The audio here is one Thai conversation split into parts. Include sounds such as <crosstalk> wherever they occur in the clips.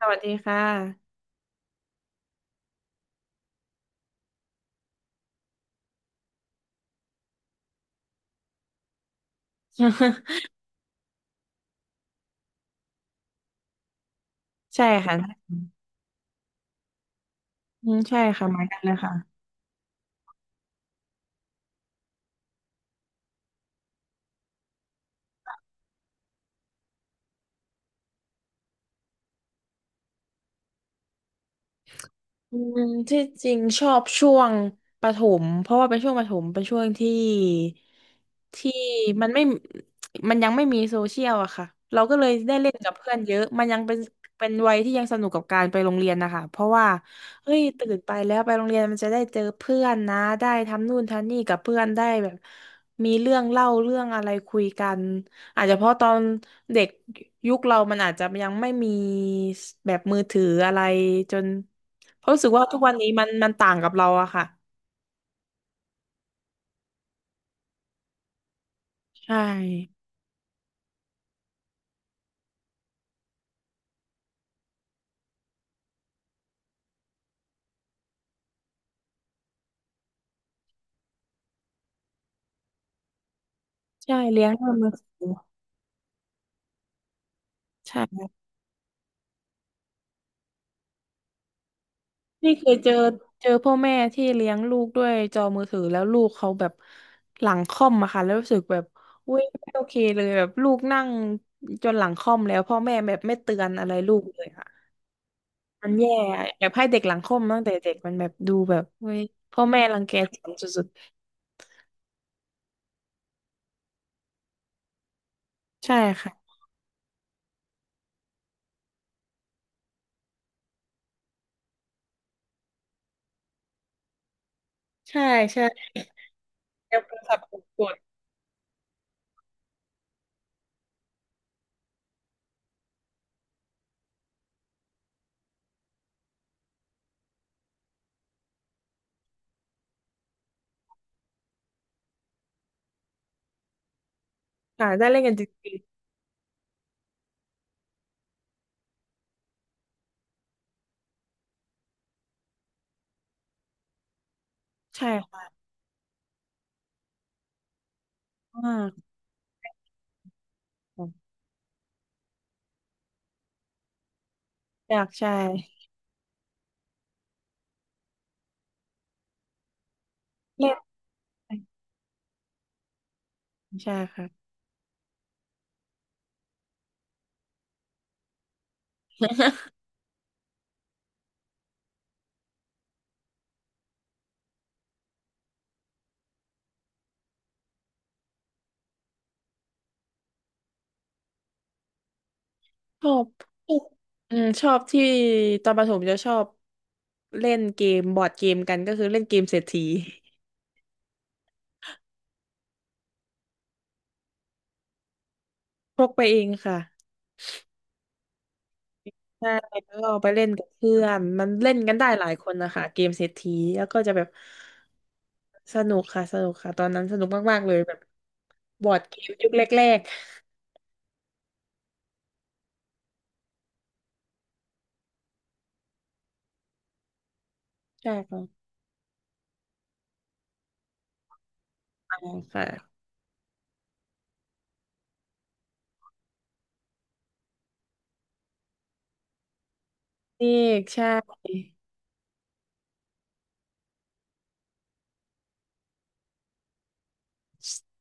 สวัสดีค่ะ <laughs> ใช่ค่ะอืมใช่ค่ะเหมือนกันเลยค่ะ <laughs> อืมที่จริงชอบช่วงประถมเพราะว่าเป็นช่วงประถมเป็นช่วงที่มันไม่มันยังไม่มีโซเชียลอะค่ะเราก็เลยได้เล่นกับเพื่อนเยอะมันยังเป็นวัยที่ยังสนุกกับการไปโรงเรียนนะคะเพราะว่าเฮ้ยตื่นไปแล้วไปโรงเรียนมันจะได้เจอเพื่อนนะได้ทำนู่นทำนี่กับเพื่อนได้แบบมีเรื่องเล่าเรื่องอะไรคุยกันอาจจะเพราะตอนเด็กยุคเรามันอาจจะยังไม่มีแบบมือถืออะไรจน เพราะรู้สึกว่าทุกวันนี้มันต่างกับเราอะค่ะใช่ใช่เลี้ยงด้วยมือถือใช่นี่เคยเจอพ่อแม่ที่เลี้ยงลูกด้วยจอมือถือแล้วลูกเขาแบบหลังค่อมอะค่ะแล้วรู้สึกแบบอุ้ยไม่โอเคเลยแบบลูกนั่งจนหลังค่อมแล้วพ่อแม่แบบไม่เตือนอะไรลูกเลยค่ะมันแย่แบบให้เด็กหลังค่อมตั้งแต่เด็กมันแบบดูแบบเว้ยพ่อแม่รังแกสันสุดๆใช่ค่ะใช่ใช่แล้วโทรศัพท์กดๆค่ะได้เล่นกันจริงๆใช่ค่ะมาก อยากใช่เล่นใช่ค่ะชอบอืมชอบที่ตอนประถมจะชอบเล่นเกมบอร์ดเกมกันก็คือเล่นเกมเศรษฐีพกไปเองค่ะใช่แล้วก็ไปเล่นกับเพื่อนมันเล่นกันได้หลายคนนะคะเกมเศรษฐีแล้วก็จะแบบสนุกค่ะสนุกค่ะตอนนั้นสนุกมากๆเลยแบบบอร์ดเกมยุคแรกๆใช่ค่ะค่ะนี่ใช่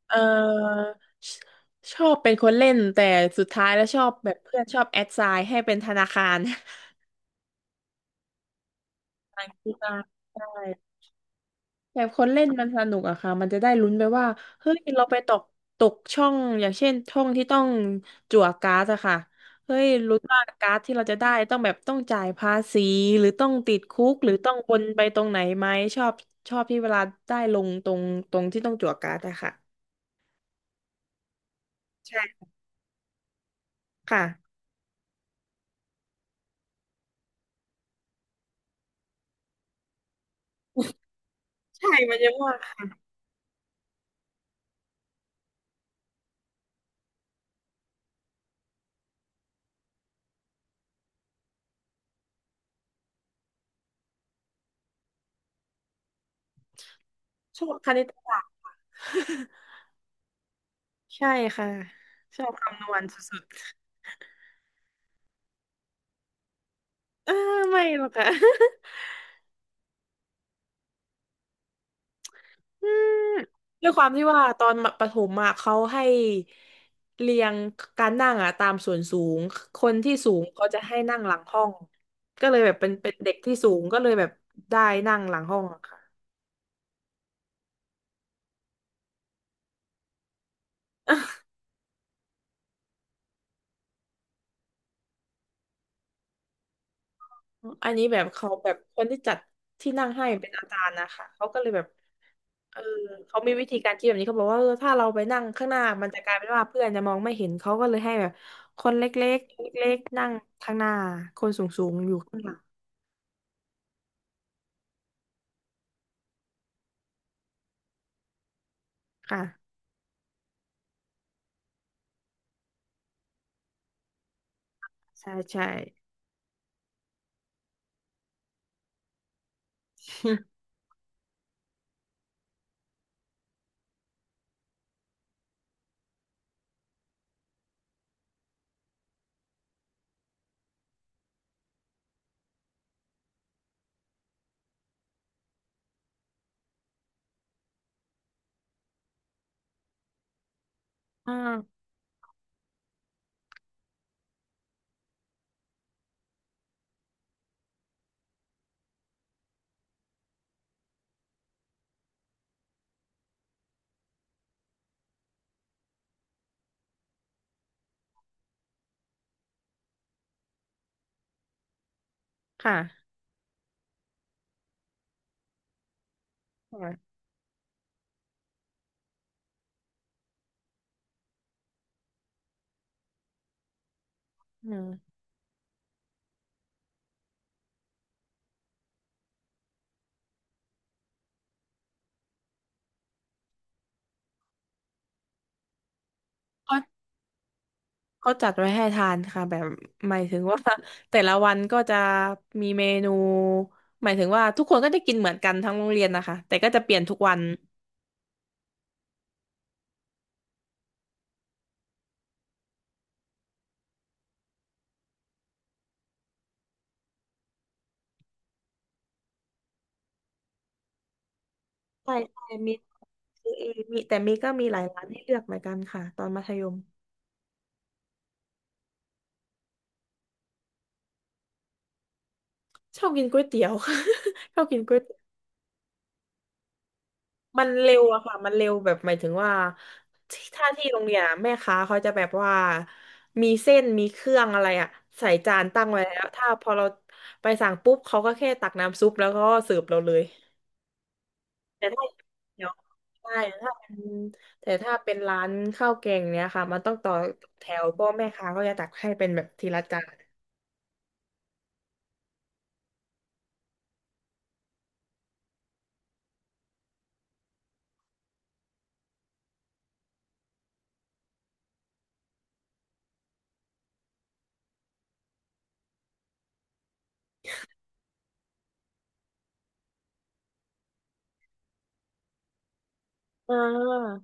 เออชชอบเป็นคนเล่นแต่สุดท้ายแล้วชอบแบบเพื่อนชอบแอดไซน์ให้เป็นธนาคาร <laughs> ทางกีฬาใช่แบบคนเล่นมันสนุกอะค่ะมันจะได้ลุ้นไปว่าเฮ้ยเราไปตกช่องอย่างเช่นช่องที่ต้องจั่วการ์ดอะค่ะเฮ้ยลุ้นว่าการ์ดที่เราจะได้ต้องแบบต้องจ่ายภาษีหรือต้องติดคุกหรือต้องวนไปตรงไหนไหมชอบชอบที่เวลาได้ลงตรงที่ต้องจั่วการ์ดอะค่ะใช่ค่ะใช่มันเยอะมาก ชอบคณิตศาสตร์ <laughs> ใช่ค่ะชอบคำนวณสุดๆเออไม่หรอกค่ะ <laughs> อืมด้วยความที่ว่าตอนประถมอะเขาให้เรียงการนั่งอะตามส่วนสูงคนที่สูงเขาจะให้นั่งหลังห้องก็เลยแบบเป็นเด็กที่สูงก็เลยแบบได้นั่งหลังห้องอะค่ะ อันนี้แบบเขาแบบคนที่จัดที่นั่งให้เป็นอาจารย์นะคะเขาก็เลยแบบเออเขามีวิธีการคิดแบบนี้เขาบอกว่าเออถ้าเราไปนั่งข้างหน้ามันจะกลายเป็นว่าเพื่อนจะมองไม่เห็นเขาก็เลยให้แบบคนเล็กๆเล็กๆนั่งข้างหน้าคนสูงๆอยู่ข้างหลังค่ะใช่ใช่ <laughs> อ่าค่ะค่ะอืมเขาเขาจัดไว้ให้ทานค่ะแบบหมายถึงว่า <laughs> แต่ละวันก็จะมีเมนูหมายถึงว่าทุกคนก็จะกินเหมือนกันทั้งโรงเรียนนะคะแต่ก็จะเปลี่ยนทุกวัน ใช่ใช่มีซื้อเองมีแต่มีก็มีหลายร้านให้เลือกเหมือนกันค่ะตอนมัธยมชอบกินก๋วยเตี๋ยว <laughs> ชอบกินก๋วยเตี๋ยวมันเร็วอะค่ะมันเร็วแบบหมายถึงว่าที่ถ้าที่โรงเรียนอะแม่ค้าเขาจะแบบว่ามีเส้นมีเครื่องอะไรอะใส่จานตั้งไว้แล้วถ้าพอเราไปสั่งปุ๊บเขาก็แค่ตักน้ำซุปแล้วก็เสิร์ฟเราเลยแต่ถ้าเดี๋ยวใช่ถ้าเป็นแต่ถ้าเป็นร้านข้าวแกงเนี้ยค่ะมันต้องต่อแถวเพราะแม่ค้าก็จะตักให้เป็นแบบทีละจาน อ่า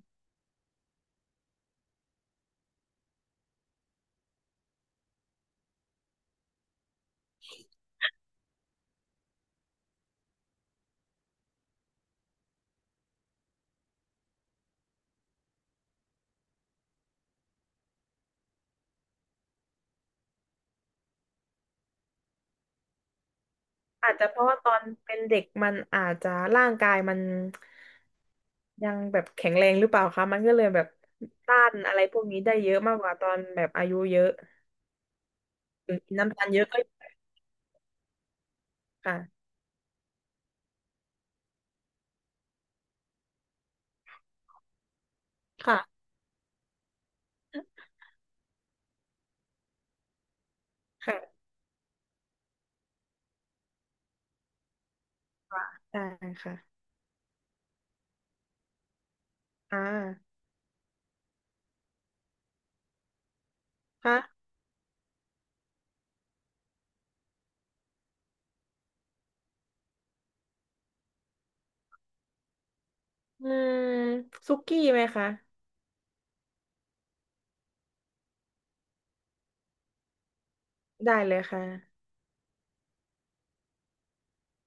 อาจจะเพราะว่าตอนเป็นเด็กมันอาจจะร่างกายมันยังแบบแข็งแรงหรือเปล่าคะมันก็เลยแบบต้านอะไรพวกนี้ได้เยอะมากกว่าตอนแบบอายุเยอะถึงกินน้ำตาลเยอะก็ค่ะค่ะค่ะค่ะได้ค่ะอ่าค่ะอืมซุกี้ไหมคะได้เลยค่ะ